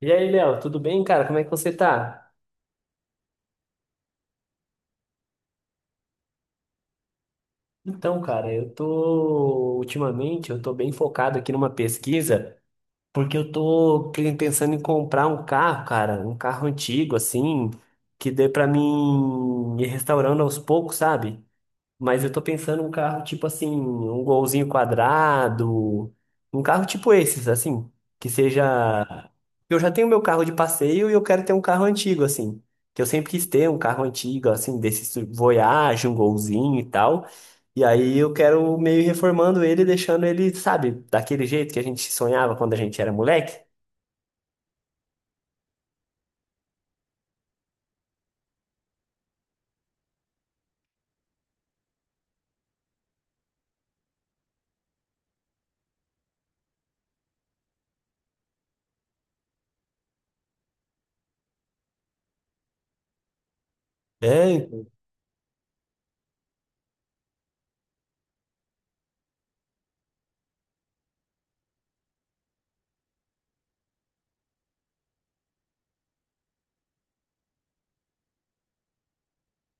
E aí, Léo, tudo bem, cara? Como é que você tá? Então, cara, eu tô bem focado aqui numa pesquisa, porque eu tô pensando em comprar um carro, cara, um carro antigo assim, que dê pra mim ir restaurando aos poucos, sabe? Mas eu tô pensando um carro tipo assim, um golzinho quadrado, um carro tipo esses, assim, que seja. Eu já tenho meu carro de passeio e eu quero ter um carro antigo, assim. Que eu sempre quis ter um carro antigo, assim, desse Voyage, um golzinho e tal. E aí eu quero meio reformando ele, deixando ele, sabe, daquele jeito que a gente sonhava quando a gente era moleque. É, então,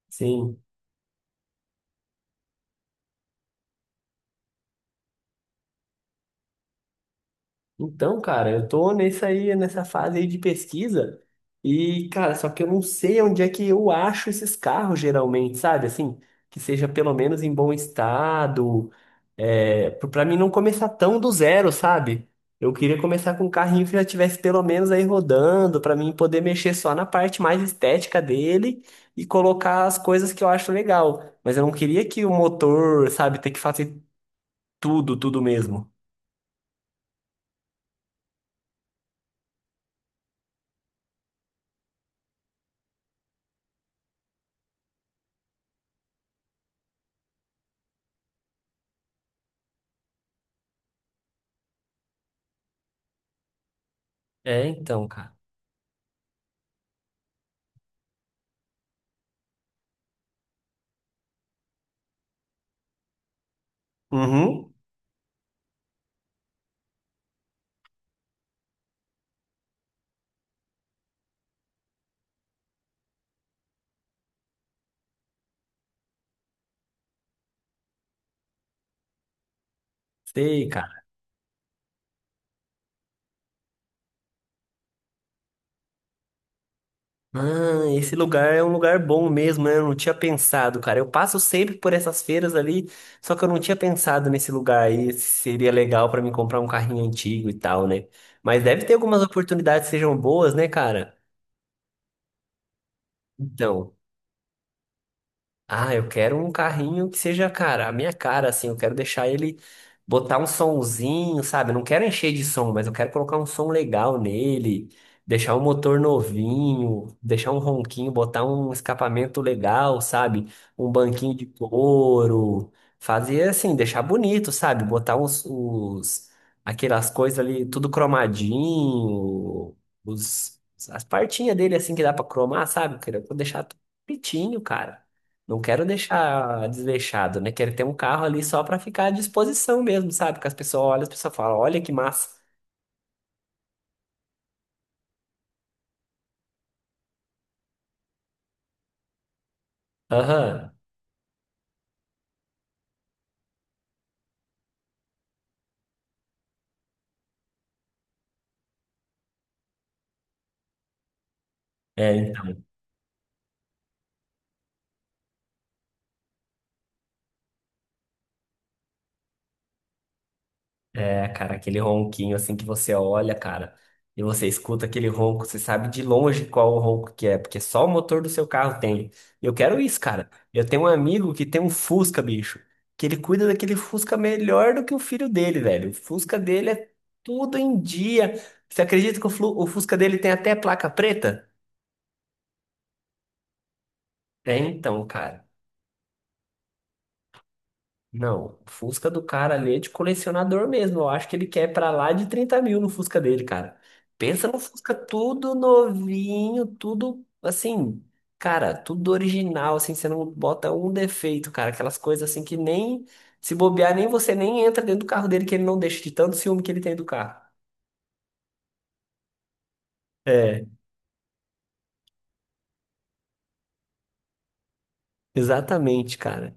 sim. Então, cara, eu tô nessa aí, nessa fase aí de pesquisa e, cara, só que eu não sei onde é que eu acho esses carros geralmente, sabe? Assim, que seja pelo menos em bom estado, é, pra mim não começar tão do zero, sabe? Eu queria começar com um carrinho que já tivesse pelo menos aí rodando, pra mim poder mexer só na parte mais estética dele e colocar as coisas que eu acho legal. Mas eu não queria que o motor, sabe, ter que fazer tudo mesmo. É, então, cara. Uhum. Sei, cara. Ah, esse lugar é um lugar bom mesmo, né? Eu não tinha pensado, cara. Eu passo sempre por essas feiras ali, só que eu não tinha pensado nesse lugar aí. Se Seria legal pra mim comprar um carrinho antigo e tal, né? Mas deve ter algumas oportunidades que sejam boas, né, cara? Então. Ah, eu quero um carrinho que seja, cara, a minha cara, assim. Eu quero deixar ele botar um somzinho, sabe? Eu não quero encher de som, mas eu quero colocar um som legal nele, deixar o motor novinho, deixar um ronquinho, botar um escapamento legal, sabe? Um banquinho de couro, fazer assim, deixar bonito, sabe? Botar aquelas coisas ali, tudo cromadinho, os, as partinhas dele, assim, que dá pra cromar, sabe? Eu quero deixar tudo bonitinho, cara. Não quero deixar desleixado, né? Quero ter um carro ali só pra ficar à disposição mesmo, sabe? Que as pessoas olham, as pessoas falam, olha que massa. Aham. É, então. É, cara, aquele ronquinho assim que você olha, cara, e você escuta aquele ronco, você sabe de longe qual o ronco que é, porque só o motor do seu carro tem. Eu quero isso, cara. Eu tenho um amigo que tem um Fusca, bicho, que ele cuida daquele Fusca melhor do que o filho dele, velho. O Fusca dele é tudo em dia. Você acredita que o o Fusca dele tem até placa preta? É então, cara. Não, o Fusca do cara ali é de colecionador mesmo. Eu acho que ele quer pra lá de 30 mil no Fusca dele, cara. Pensa no Fusca tudo novinho, tudo assim, cara, tudo original, assim, você não bota um defeito, cara. Aquelas coisas assim que nem se bobear, nem você nem entra dentro do carro dele que ele não deixa de tanto ciúme que ele tem do carro. É, exatamente, cara.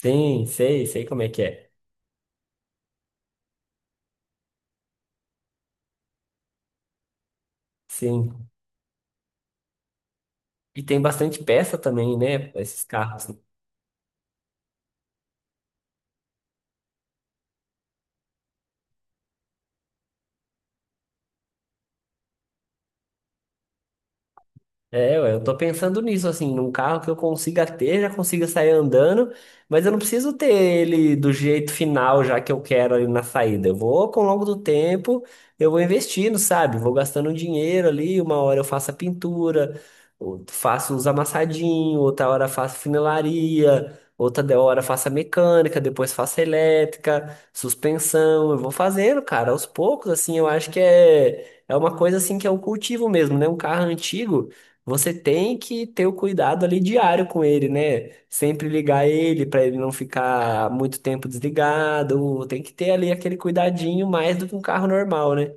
Sim, sei como é que é. Sim. E tem bastante peça também, né? Esses carros... É, ué, eu tô pensando nisso, assim, num carro que eu consiga ter, já consiga sair andando, mas eu não preciso ter ele do jeito final já que eu quero ali na saída. Eu vou, com o longo do tempo, eu vou investindo, sabe? Vou gastando um dinheiro ali, uma hora eu faço a pintura, faço os amassadinhos, outra hora faço funilaria, outra hora faço a mecânica, depois faço a elétrica, suspensão, eu vou fazendo, cara, aos poucos, assim, eu acho que é... É uma coisa assim que é um cultivo mesmo, né? Um carro antigo, você tem que ter o cuidado ali diário com ele, né? Sempre ligar ele para ele não ficar muito tempo desligado. Tem que ter ali aquele cuidadinho mais do que um carro normal, né?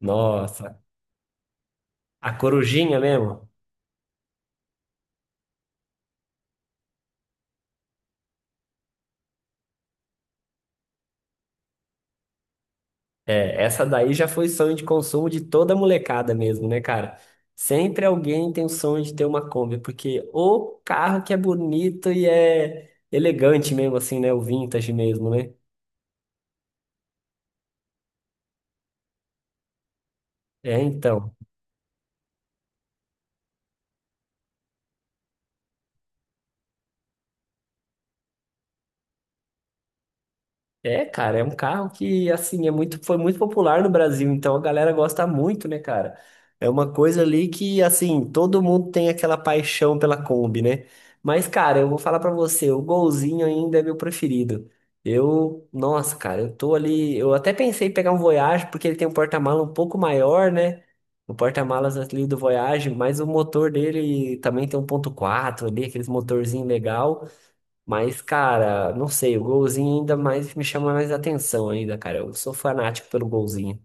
Nossa, a corujinha mesmo? É, essa daí já foi sonho de consumo de toda molecada mesmo, né, cara? Sempre alguém tem o sonho de ter uma Kombi, porque o carro que é bonito e é elegante mesmo, assim, né? O vintage mesmo, né? É, então. É, cara, é um carro que assim é muito, foi muito popular no Brasil, então a galera gosta muito, né, cara? É uma coisa ali que assim todo mundo tem aquela paixão pela Kombi, né? Mas, cara, eu vou falar pra você, o Golzinho ainda é meu preferido. Eu, nossa, cara, eu tô ali, eu até pensei em pegar um Voyage porque ele tem um porta-mala um pouco maior, né? O porta-malas ali do Voyage, mas o motor dele também tem um 1.4 ali, aqueles motorzinho legal. Mas, cara, não sei, o golzinho ainda mais me chama mais atenção ainda, cara. Eu sou fanático pelo golzinho.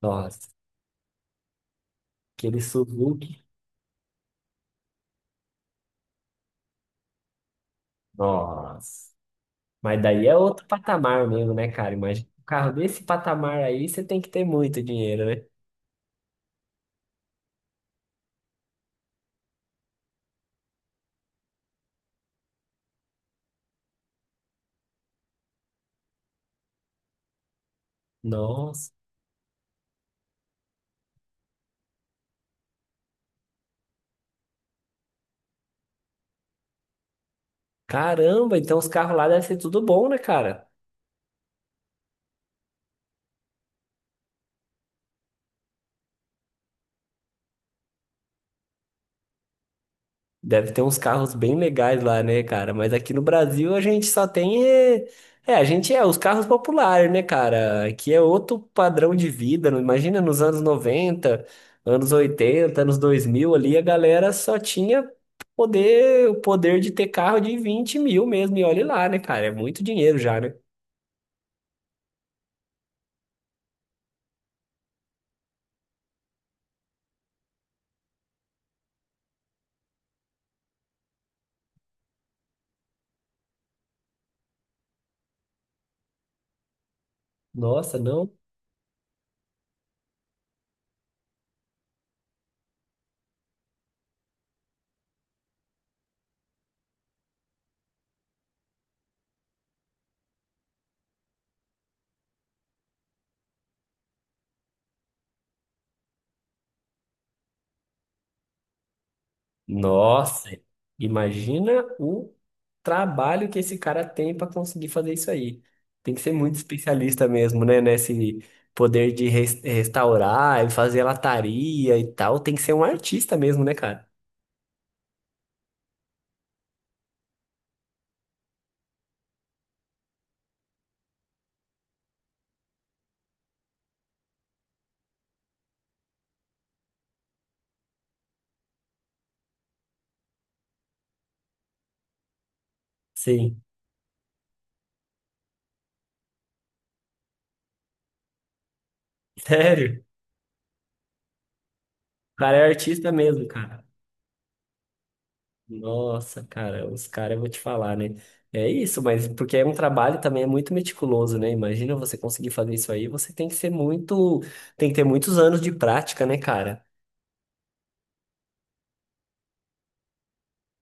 Nossa, aquele Suzuki. Nossa. Mas daí é outro patamar mesmo, né, cara? Imagina um carro desse patamar aí, você tem que ter muito dinheiro, né? Nossa. Caramba, então os carros lá devem ser tudo bom, né, cara? Deve ter uns carros bem legais lá, né, cara? Mas aqui no Brasil a gente só tem. É, a gente é os carros populares, né, cara? Aqui é outro padrão de vida. Imagina nos anos 90, anos 80, anos 2000 ali, a galera só tinha poder, o poder de ter carro de 20 mil mesmo. E olha lá, né, cara? É muito dinheiro já, né? Nossa, não. Nossa, imagina o trabalho que esse cara tem para conseguir fazer isso aí. Tem que ser muito especialista mesmo, né? Nesse poder de restaurar e fazer lataria e tal. Tem que ser um artista mesmo, né, cara? Sim. Sério? O cara é artista mesmo, cara. Nossa, cara, os caras, eu vou te falar, né? É isso, mas porque é um trabalho também é muito meticuloso, né? Imagina você conseguir fazer isso aí, você tem que ser muito, tem que ter muitos anos de prática, né, cara?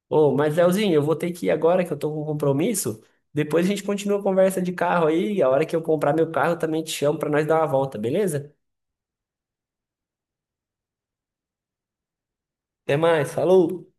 Ô, mas Leozinho, eu vou ter que ir agora que eu tô com um compromisso. Depois a gente continua a conversa de carro aí. E a hora que eu comprar meu carro, eu também te chamo pra nós dar uma volta, beleza? Até mais, falou!